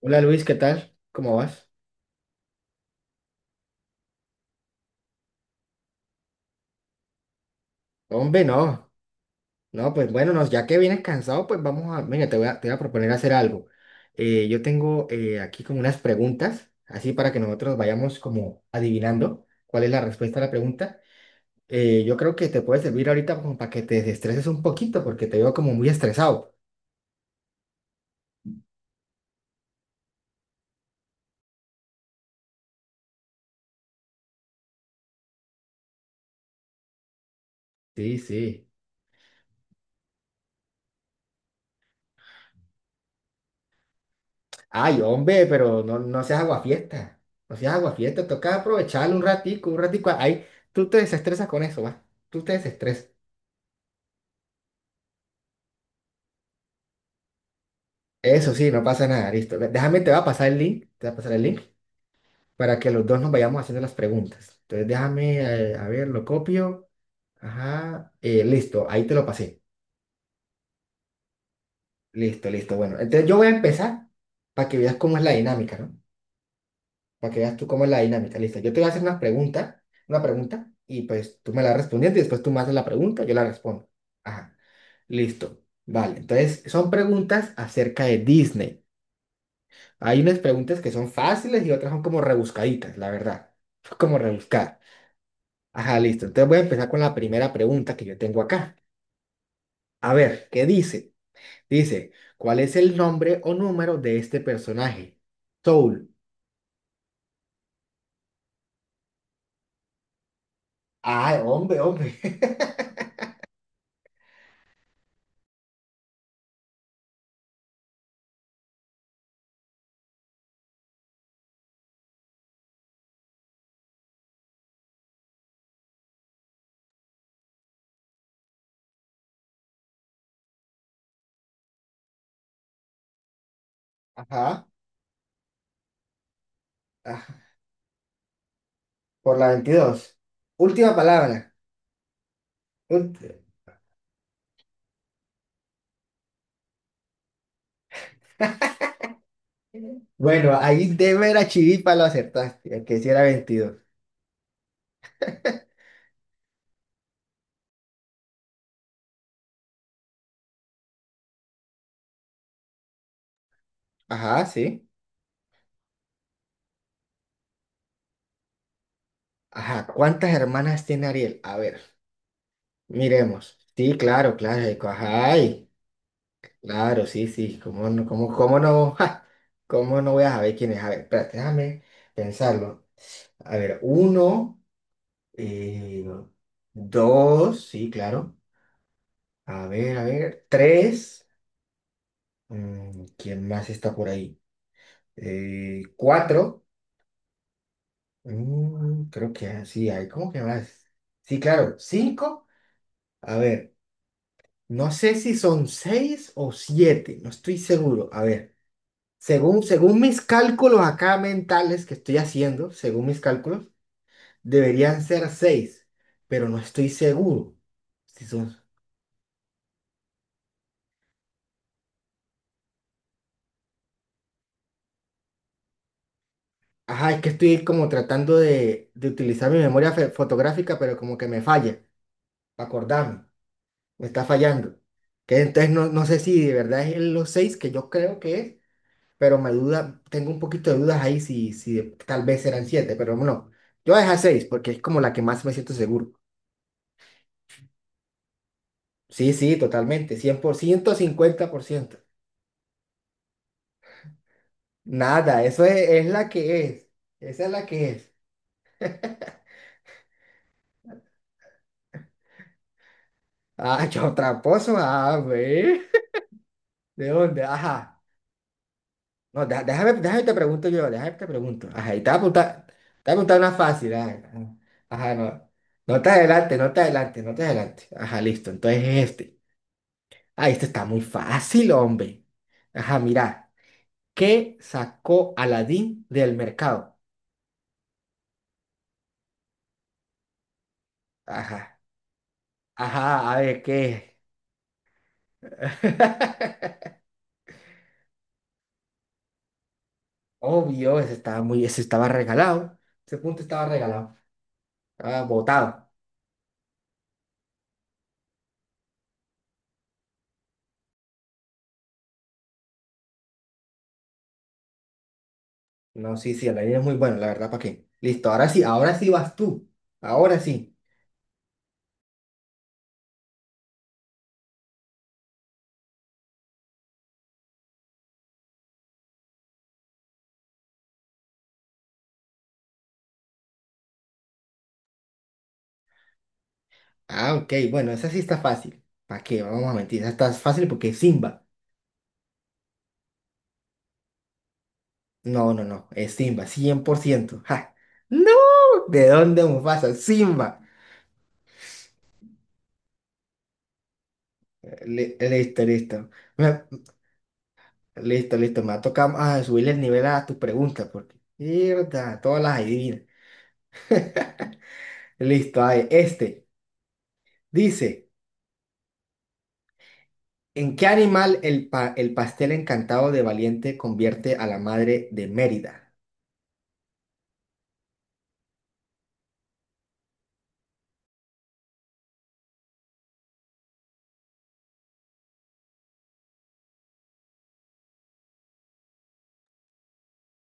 Hola Luis, ¿qué tal? ¿Cómo vas? Hombre, no. No, pues bueno, no, ya que vienes cansado, pues vamos a, mira, te voy a proponer hacer algo. Yo tengo aquí como unas preguntas, así para que nosotros vayamos como adivinando cuál es la respuesta a la pregunta. Yo creo que te puede servir ahorita como para que te desestreses un poquito, porque te veo como muy estresado. Sí, sí. Ay, hombre, pero no, no seas aguafiesta. No seas aguafiesta, toca aprovechar un ratico, un ratico. Ahí, tú te desestresas con eso, va. Tú te desestresas. Eso sí, no pasa nada, listo. Déjame, te va a pasar el link, te va a pasar el link para que los dos nos vayamos haciendo las preguntas. Entonces déjame, a ver, lo copio. Ajá, listo, ahí te lo pasé. Listo, listo, bueno. Entonces yo voy a empezar para que veas cómo es la dinámica, ¿no? Para que veas tú cómo es la dinámica, listo. Yo te voy a hacer una pregunta, y pues tú me la respondes y después tú me haces la pregunta, yo la respondo. Ajá, listo. Vale, entonces son preguntas acerca de Disney. Hay unas preguntas que son fáciles y otras son como rebuscaditas, la verdad. Son como rebuscadas. Ajá, listo. Entonces voy a empezar con la primera pregunta que yo tengo acá. A ver, ¿qué dice? Dice, ¿cuál es el nombre o número de este personaje? Soul. Ay, hombre, hombre. Ajá. ah, Por la 22. Última palabra. Ult- Bueno, ahí de vera chiripa lo acertaste, el que sí era 22. Ajá, sí. Ajá, ¿cuántas hermanas tiene Ariel? A ver. Miremos. Sí, claro, claro. Ay, claro, sí, sí. ¿Cómo no, ja, cómo no voy a saber quién es? A ver, espérate, déjame pensarlo. A ver, uno, eh, dos, sí, claro. A ver, tres. ¿Quién más está por ahí? Cuatro. Creo que sí, hay como que más. Sí, claro, cinco. A ver, no sé si son seis o siete, no estoy seguro. A ver. Según, según mis cálculos acá mentales que estoy haciendo, según mis cálculos, deberían ser seis, pero no estoy seguro. Si son... Ajá, es que estoy como tratando de, utilizar mi memoria fotográfica, pero como que me falla, para acordarme, me está fallando. Que entonces no, no sé si de verdad es los seis que yo creo que es, pero me duda, tengo un poquito de dudas ahí si tal vez eran siete, pero no. Yo voy a dejar seis porque es como la que más me siento seguro. Sí, sí, totalmente, 100%, 50%, nada, eso es la que es. Esa es la que es. Ah, yo tramposo, a ver. ¿De dónde? Ajá. No, déjame te pregunto yo, déjame te pregunto. Ajá, y te voy a apuntar una fácil. Ajá, ajá, no. No te adelante, no te adelante, no te adelante. Ajá, listo. Entonces este. Ah, este está muy fácil, hombre. Ajá, mira. ¿Qué sacó Aladín del mercado? Ajá. Ajá, a ver, ¿qué? Obvio, ese estaba regalado. Ese punto estaba regalado. Estaba botado. No, sí, sí, la línea es muy buena, la verdad, ¿para qué? Listo, ahora sí vas tú. Ahora sí. Ah, ok, bueno, esa sí está fácil. ¿Para qué? Vamos a mentir, esa está fácil porque es Simba. No, no, no, es Simba, 100%. ¡Ja! ¡No! ¿De dónde Mufasa? Simba. Listo, listo. Me- Listo, listo, me va a tocar subirle el nivel a tus preguntas porque, mierda, todas las adivinas. Listo, ahí, este. Dice, ¿en qué animal el pastel encantado de Valiente convierte a la madre de Mérida?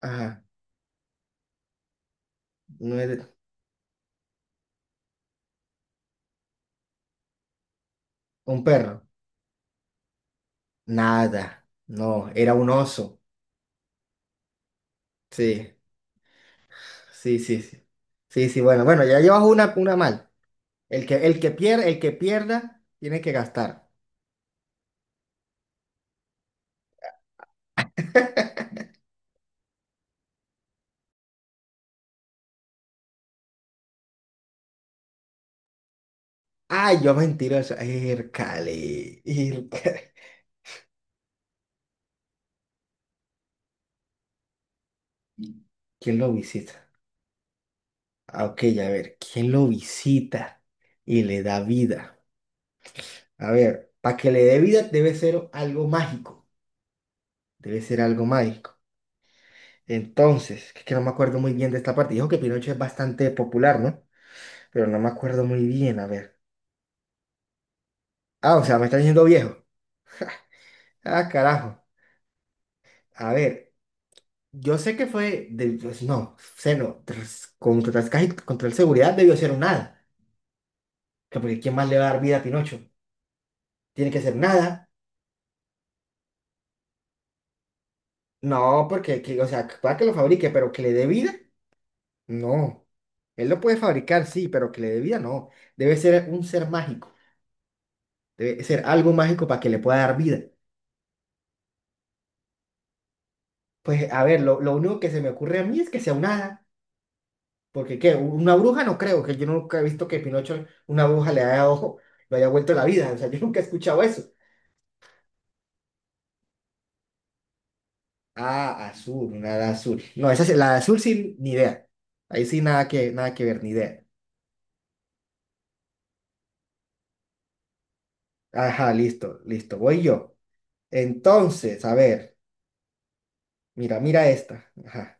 Ajá, no era- un perro. Nada, no, era un oso. Sí, sí, sí, sí. Sí, sí, bueno, bueno, ya llevas una mal. El que pierda, tiene que gastar. Ay, yo mentiroso. Ircale, ircale. ¿Quién lo visita? Ah, ok, a ver, ¿quién lo visita y le da vida? A ver, para que le dé vida debe ser algo mágico. Debe ser algo mágico. Entonces, que no me acuerdo muy bien de esta parte. Dijo que Pinocho es bastante popular, ¿no? Pero no me acuerdo muy bien, a ver. Ah, o sea, me está diciendo viejo. Ah, carajo. A ver, yo sé que pues, no, sé no, contra el seguridad debió ser un hada. Que porque ¿quién más le va a dar vida a Pinocho? Tiene que ser nada. No, porque o sea, para que lo fabrique, pero que le dé vida. No, él lo puede fabricar, sí, pero que le dé vida, no. Debe ser un ser mágico, debe ser algo mágico para que le pueda dar vida. Pues a ver, lo único que se me ocurre a mí es que sea un hada, porque ¿qué? Una bruja no creo, que yo nunca he visto que Pinocho, una bruja le haya, ojo, lo haya vuelto la vida, o sea, yo nunca he escuchado eso. Ah, azul, una hada azul. No, esa, la de azul sin ni idea. Ahí sí nada que, nada que ver, ni idea. Ajá, listo, listo, voy yo. Entonces, a ver, mira, mira esta. Ajá.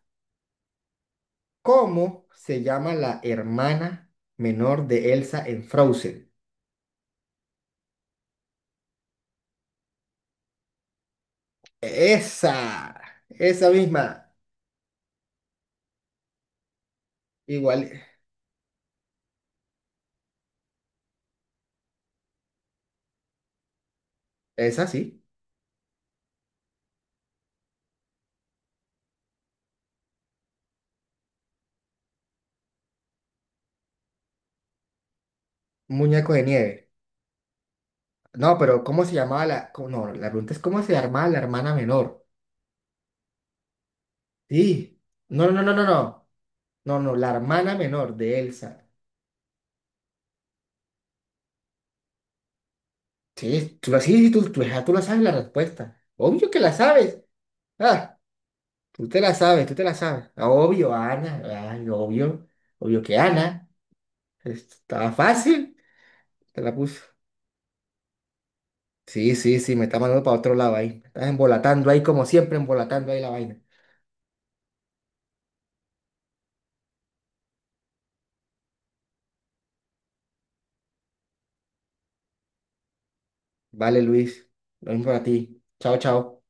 ¿Cómo se llama la hermana menor de Elsa en Frozen? Esa, esa misma. Igual, esa sí. Un muñeco de nieve. No, pero ¿cómo se llamaba la... No, la pregunta es ¿cómo se llamaba la hermana menor? Sí. No, no, no, no, no. No, no, no, la hermana menor de Elsa. Sí, tú, sí, sí, tú, ya tú la sabes la respuesta. Obvio que la sabes. Ah, tú te la sabes, tú te la sabes. Ah, obvio, Ana. Ay, obvio. Obvio que Ana. Estaba fácil. Te la puse. Sí, sí, sí, me está mandando para otro lado ahí. Me estás embolatando ahí como siempre, embolatando ahí la vaina. Vale, Luis. Lo mismo para ti. Chao, chao.